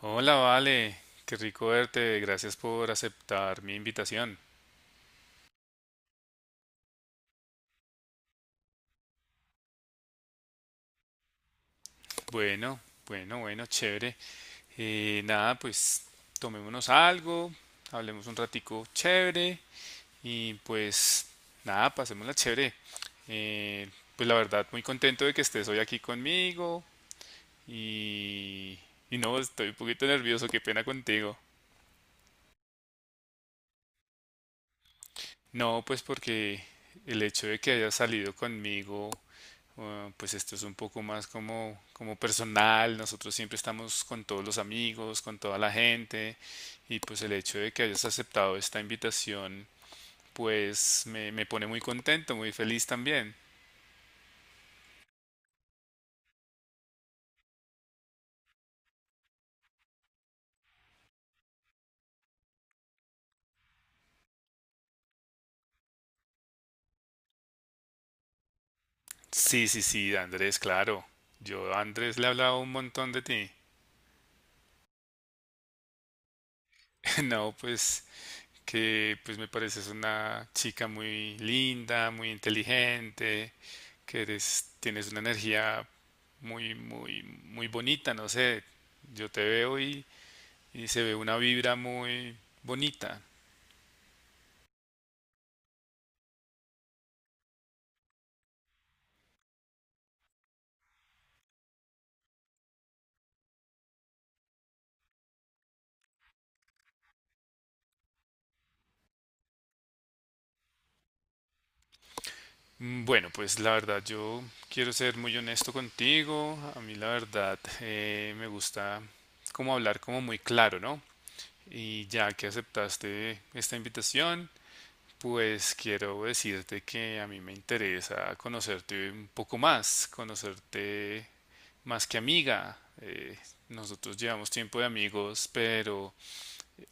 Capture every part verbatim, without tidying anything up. Hola, Vale, qué rico verte, gracias por aceptar mi invitación. Bueno, bueno, bueno, chévere. Eh, nada, Pues tomémonos algo, hablemos un ratico chévere y pues nada, pasémosla chévere. Eh, pues la verdad, muy contento de que estés hoy aquí conmigo y, y no, estoy un poquito nervioso, qué pena contigo. No, pues porque el hecho de que hayas salido conmigo. Uh, pues esto es un poco más como, como personal, nosotros siempre estamos con todos los amigos, con toda la gente, y pues el hecho de que hayas aceptado esta invitación pues me, me pone muy contento, muy feliz también. Sí, sí, sí, Andrés, claro. Yo a Andrés le he hablado un montón de ti. No, pues que pues me pareces una chica muy linda, muy inteligente, que eres, tienes una energía muy, muy, muy bonita, no sé, yo te veo y, y se ve una vibra muy bonita. Mm, Bueno, pues la verdad yo quiero ser muy honesto contigo, a mí la verdad eh, me gusta como hablar como muy claro, ¿no? Y ya que aceptaste esta invitación, pues quiero decirte que a mí me interesa conocerte un poco más, conocerte más que amiga. Eh, nosotros llevamos tiempo de amigos, pero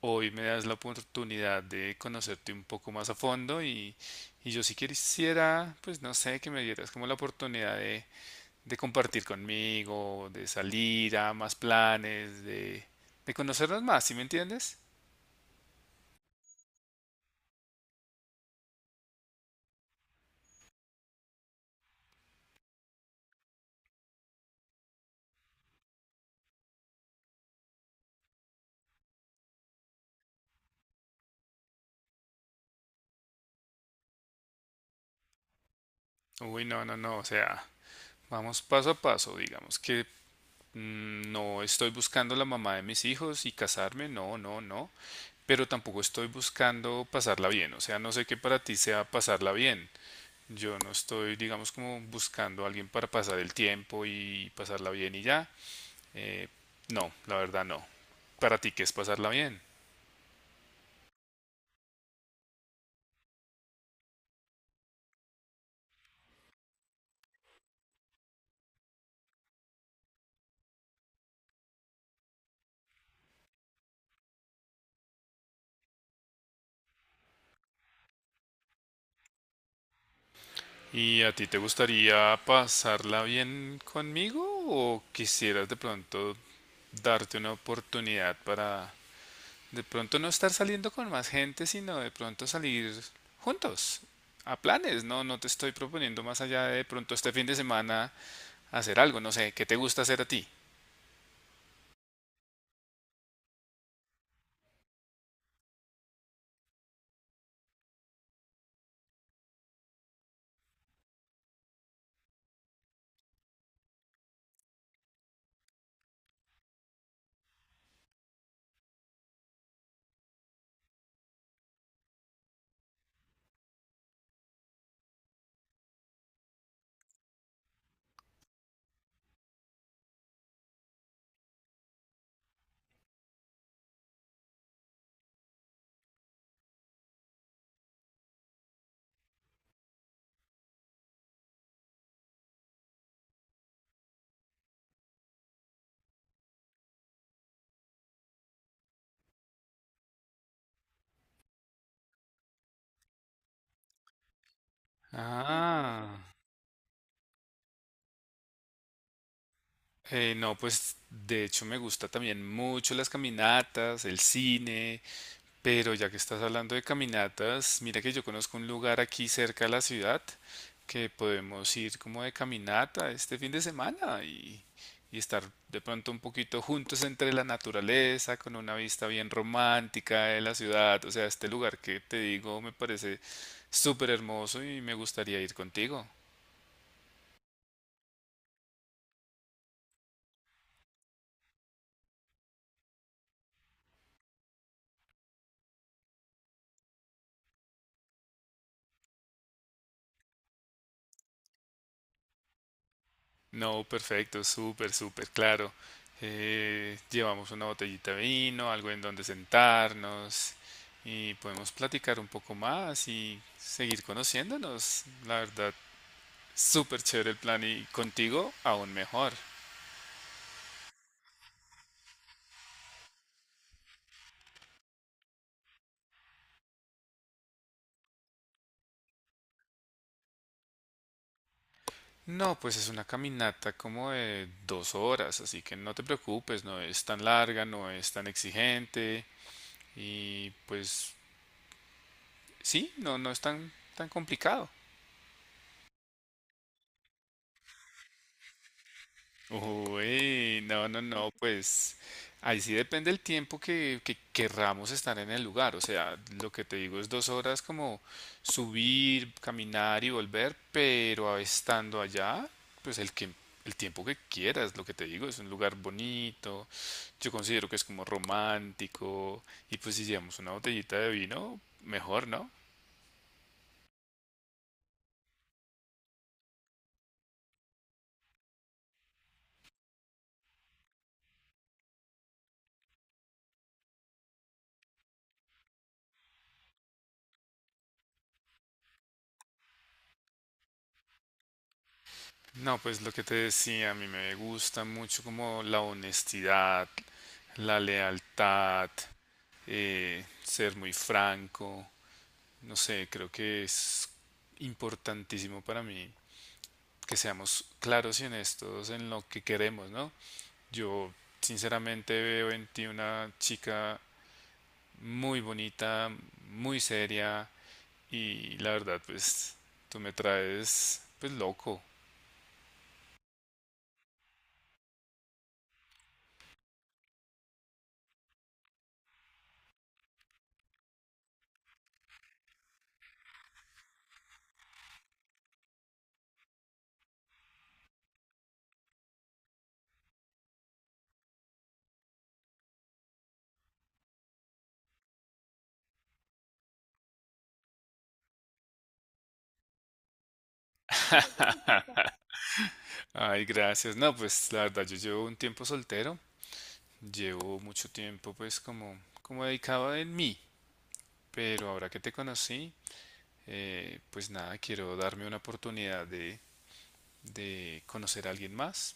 hoy me das la oportunidad de conocerte un poco más a fondo, y, y yo sí quisiera, pues no sé, que me dieras como la oportunidad de, de compartir conmigo, de salir a más planes, de, de conocernos más, ¿sí me entiendes? Uy, no, no, no, o sea, vamos paso a paso, digamos que mm, no estoy buscando la mamá de mis hijos y casarme, no, no, no, pero tampoco estoy buscando pasarla bien, o sea, no sé qué para ti sea pasarla bien. Yo no estoy, digamos, como buscando a alguien para pasar el tiempo y pasarla bien y ya. Eh, no, la verdad no. Para ti, ¿qué es pasarla bien? ¿Y a ti te gustaría pasarla bien conmigo o quisieras de pronto darte una oportunidad para de pronto no estar saliendo con más gente, sino de pronto salir juntos a planes? No, no te estoy proponiendo más allá de, de pronto este fin de semana hacer algo, no sé, ¿qué te gusta hacer a ti? Ah. Eh, no, pues de hecho me gusta también mucho las caminatas, el cine, pero ya que estás hablando de caminatas, mira que yo conozco un lugar aquí cerca de la ciudad que podemos ir como de caminata este fin de semana y, y estar de pronto un poquito juntos entre la naturaleza, con una vista bien romántica de la ciudad. O sea, este lugar que te digo me parece súper hermoso y me gustaría ir contigo. No, perfecto, súper, súper claro. Eh, llevamos una botellita de vino, algo en donde sentarnos y podemos platicar un poco más y seguir conociéndonos. La verdad, súper chévere el plan y contigo aún mejor. No, pues es una caminata como de dos horas, así que no te preocupes, no es tan larga, no es tan exigente y pues sí, no, no es tan, tan complicado. Uy, no, no, no, pues ahí sí depende el tiempo que, que querramos estar en el lugar. O sea, lo que te digo es dos horas como subir, caminar y volver, pero a- estando allá, pues el que, el tiempo que quieras, lo que te digo, es un lugar bonito, yo considero que es como romántico, y pues si llevamos una botellita de vino, mejor, ¿no? No, pues lo que te decía, a mí me gusta mucho como la honestidad, la lealtad. eh, ser muy franco, no sé, creo que es importantísimo para mí que seamos claros y honestos en lo que queremos, ¿no? Yo sinceramente veo en ti una chica muy bonita, muy seria y la verdad pues tú me traes pues loco. Ay, gracias. No, pues la verdad yo llevo un tiempo soltero, llevo mucho tiempo pues como como dedicado en mí, pero ahora que te conocí eh, pues nada, quiero darme una oportunidad de, de conocer a alguien más.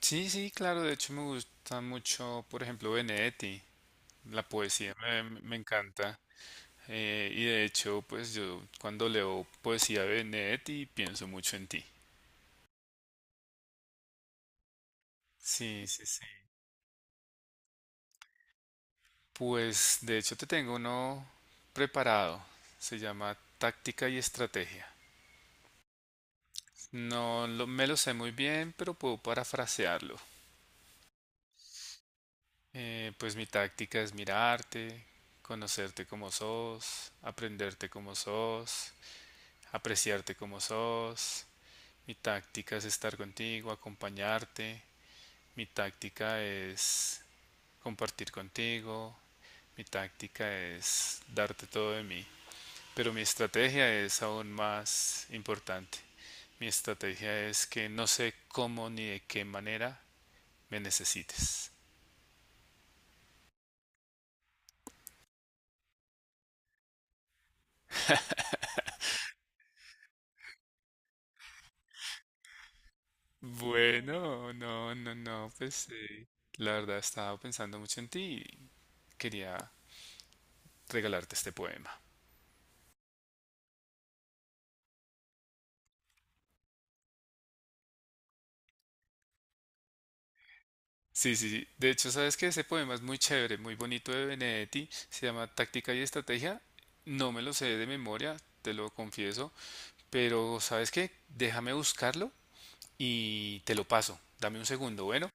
Sí, sí, claro, de hecho me gusta mucho, por ejemplo, Benedetti, la poesía me, me encanta. eh, y de hecho, pues yo cuando leo poesía de Benedetti pienso mucho en ti. Sí, sí, sí. Pues de hecho te tengo uno preparado. Se llama Táctica y Estrategia. No lo- Me lo sé muy bien, pero puedo parafrasearlo. Eh, pues mi táctica es mirarte, conocerte como sos, aprenderte como sos, apreciarte como sos. Mi táctica es estar contigo, acompañarte. Mi táctica es compartir contigo. Mi táctica es darte todo de mí. Pero mi estrategia es aún más importante. Mi estrategia es que no sé cómo ni de qué manera me necesites. Bueno, no, no, no, pues sí. La verdad estaba pensando mucho en ti y quería regalarte este poema. Sí, sí, sí. De hecho, sabes que ese poema es muy chévere, muy bonito de Benedetti. Se llama Táctica y Estrategia. No me lo sé de memoria, te lo confieso. Pero, ¿sabes qué? Déjame buscarlo y te lo paso. Dame un segundo, bueno.